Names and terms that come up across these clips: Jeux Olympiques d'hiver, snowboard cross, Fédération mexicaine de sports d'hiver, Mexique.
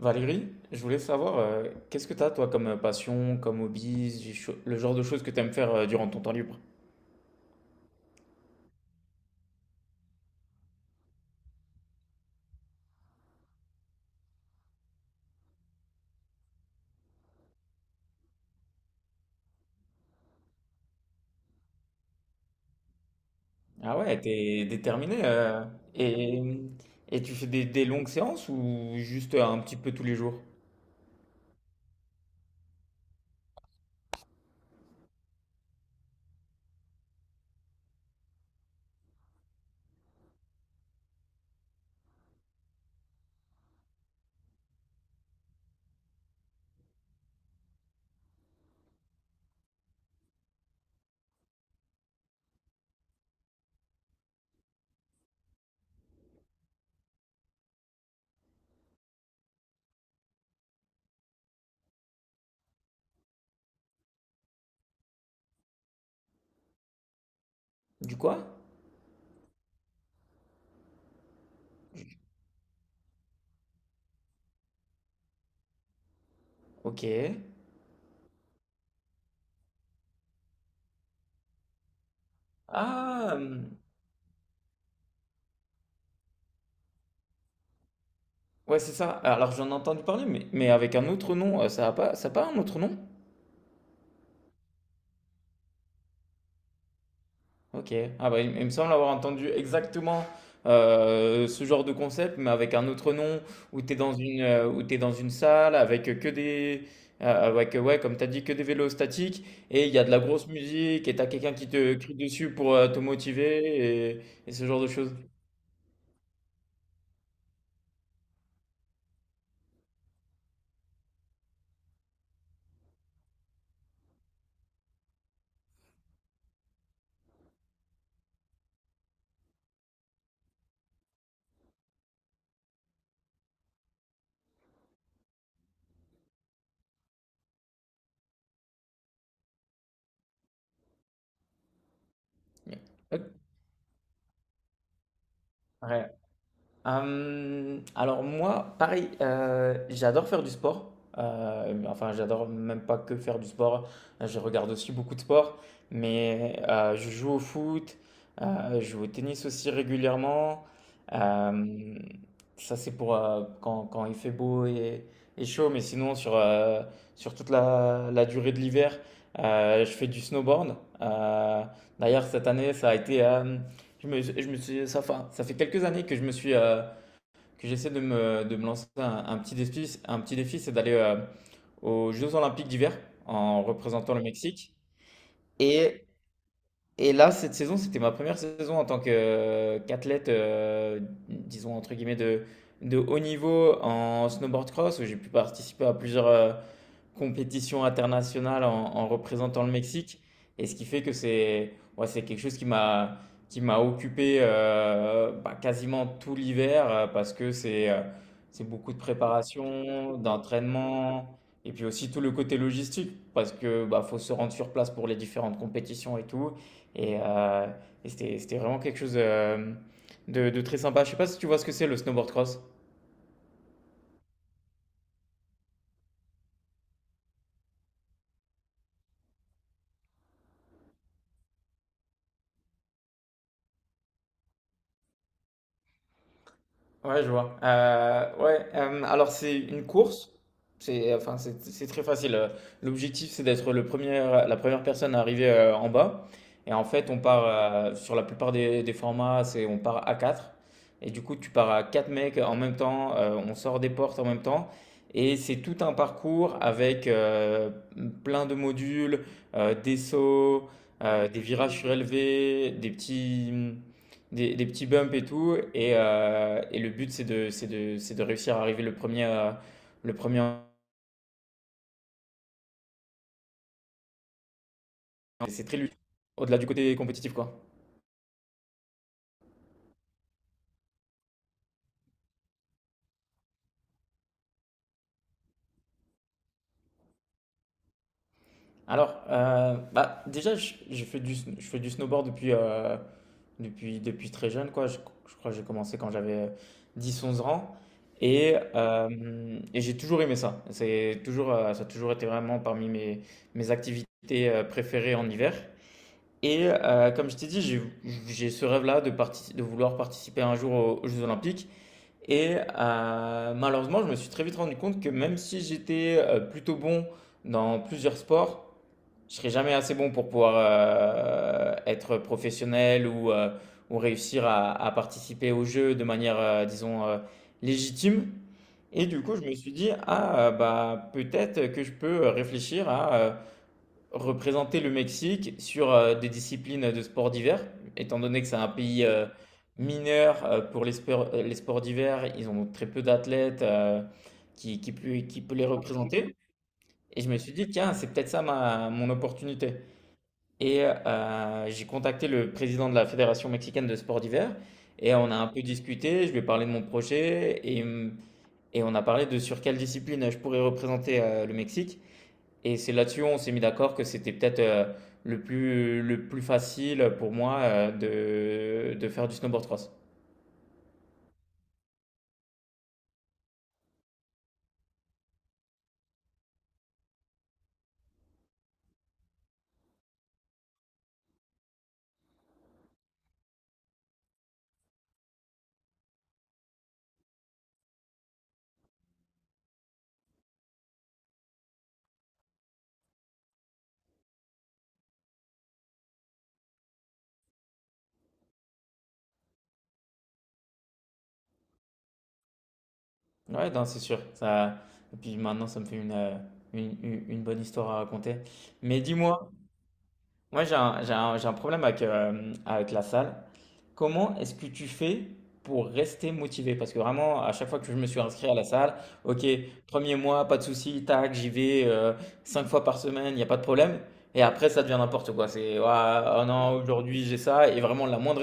Valérie, je voulais savoir, qu'est-ce que t'as toi comme passion, comme hobby, le genre de choses que t'aimes faire durant ton temps libre? Ah ouais, t'es déterminé. et, et tu fais des longues séances ou juste un petit peu tous les jours? Du quoi? Ok. Ah, ouais, c'est ça. Alors j'en ai entendu parler, mais avec un autre nom, ça a pas un autre nom? Ok. Ah bah, il me semble avoir entendu exactement ce genre de concept, mais avec un autre nom, où tu es dans une, où t'es dans une salle avec que des. Avec, ouais, comme tu as dit, que des vélos statiques, et il y a de la grosse musique, et tu as quelqu'un qui te crie dessus pour te motiver, et ce genre de choses. Ouais. Alors moi, pareil, j'adore faire du sport. Mais enfin, j'adore même pas que faire du sport. Je regarde aussi beaucoup de sport, mais je joue au foot, je joue au tennis aussi régulièrement. Euh, Ça, c'est pour quand il fait beau et chaud, mais sinon, sur toute la durée de l'hiver, je fais du snowboard. Euh, D'ailleurs, cette année, je me suis, ça fait quelques années que que j'essaie de de me lancer un petit défi, c'est d'aller aux Jeux Olympiques d'hiver en représentant le Mexique. Et, et là, cette saison, c'était ma première saison en tant que, qu'athlète, disons entre guillemets de haut niveau en snowboard cross, où j'ai pu participer à plusieurs, compétition internationale en, en représentant le Mexique. Et ce qui fait que c'est ouais, c'est quelque chose qui m'a occupé bah, quasiment tout l'hiver parce que c'est beaucoup de préparation, d'entraînement et puis aussi tout le côté logistique parce que bah, faut se rendre sur place pour les différentes compétitions et tout. Et, euh, et c'était c'était vraiment quelque chose de très sympa. Je sais pas si tu vois ce que c'est le snowboard cross. Ouais, je vois. Ouais, alors c'est une course. C'est enfin, c'est très facile. L'objectif, c'est d'être le premier, la première personne à arriver en bas. Et en fait, on part sur la plupart des formats, c'est on part à 4. Et du coup, tu pars à 4 mecs en même temps. On sort des portes en même temps. Et c'est tout un parcours avec plein de modules, des sauts, des virages surélevés, des petits bumps et tout. Et le but, c'est de, c'est de, c'est de réussir à arriver le premier. Le premier. C'est très ludique, au-delà du côté compétitif, quoi. Alors, déjà, je fais du snowboard depuis, depuis très jeune, quoi. Je crois que j'ai commencé quand j'avais 10 ou 11 ans. Et j'ai toujours aimé ça. Ça a toujours été vraiment parmi mes, mes activités préférées en hiver. Comme je t'ai dit, j'ai ce rêve-là de, de vouloir participer un jour aux, aux Jeux Olympiques. Malheureusement, je me suis très vite rendu compte que même si j'étais plutôt bon dans plusieurs sports, je serais jamais assez bon pour pouvoir être professionnel ou réussir à participer aux Jeux de manière, disons, légitime. Et du coup, je me suis dit, ah, bah, peut-être que je peux réfléchir à représenter le Mexique sur des disciplines de sports d'hiver, étant donné que c'est un pays mineur pour sports les sports d'hiver, ils ont très peu d'athlètes peut qui peut les représenter. Et je me suis dit, tiens, c'est peut-être ça ma, mon opportunité. J'ai contacté le président de la Fédération mexicaine de sports d'hiver et on a un peu discuté, je lui ai parlé de mon projet et on a parlé de sur quelle discipline je pourrais représenter le Mexique. Et c'est là-dessus, où on s'est mis d'accord que c'était peut-être le plus facile pour moi de faire du snowboard cross. Ouais, non, c'est sûr. Ça... Et puis maintenant, ça me fait une bonne histoire à raconter. Mais dis-moi, moi, j'ai un problème avec, avec la salle. Comment est-ce que tu fais pour rester motivé? Parce que vraiment, à chaque fois que je me suis inscrit à la salle, ok, premier mois, pas de souci, tac, j'y vais 5 fois par semaine, il n'y a pas de problème. Et après, ça devient n'importe quoi. C'est, ouah, oh non, aujourd'hui j'ai ça, et vraiment la moindre.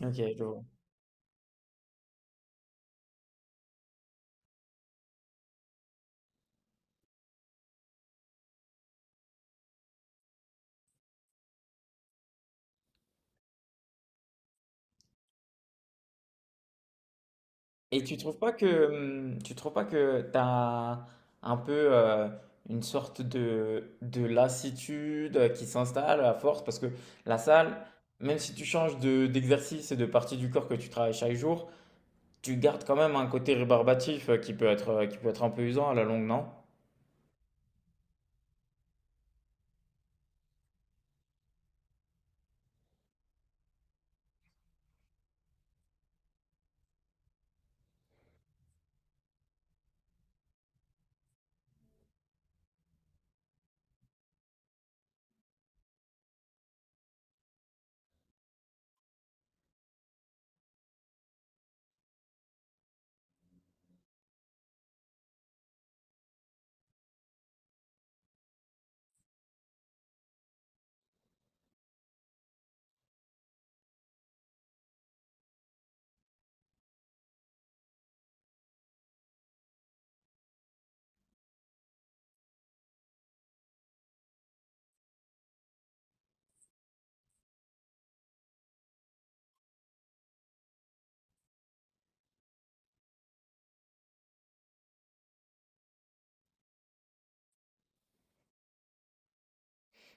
Ok, je vois. Et tu trouves pas que tu trouves pas que t'as un peu une sorte de lassitude qui s'installe à force parce que la salle, même si tu changes de, d'exercice et de partie du corps que tu travailles chaque jour, tu gardes quand même un côté rébarbatif qui peut être un peu usant à la longue, non?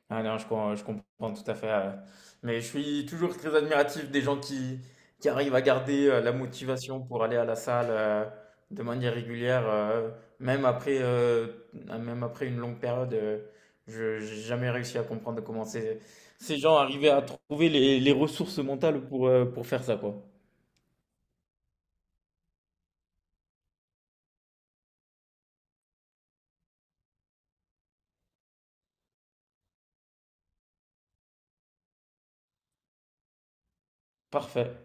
Ah non, je, je comprends tout à fait. Mais je suis toujours très admiratif des gens qui arrivent à garder la motivation pour aller à la salle de manière régulière, même après, euh, même après une longue période. Je n'ai jamais réussi à comprendre comment ces, ces gens arrivaient à trouver les ressources mentales pour faire ça, quoi. Parfait.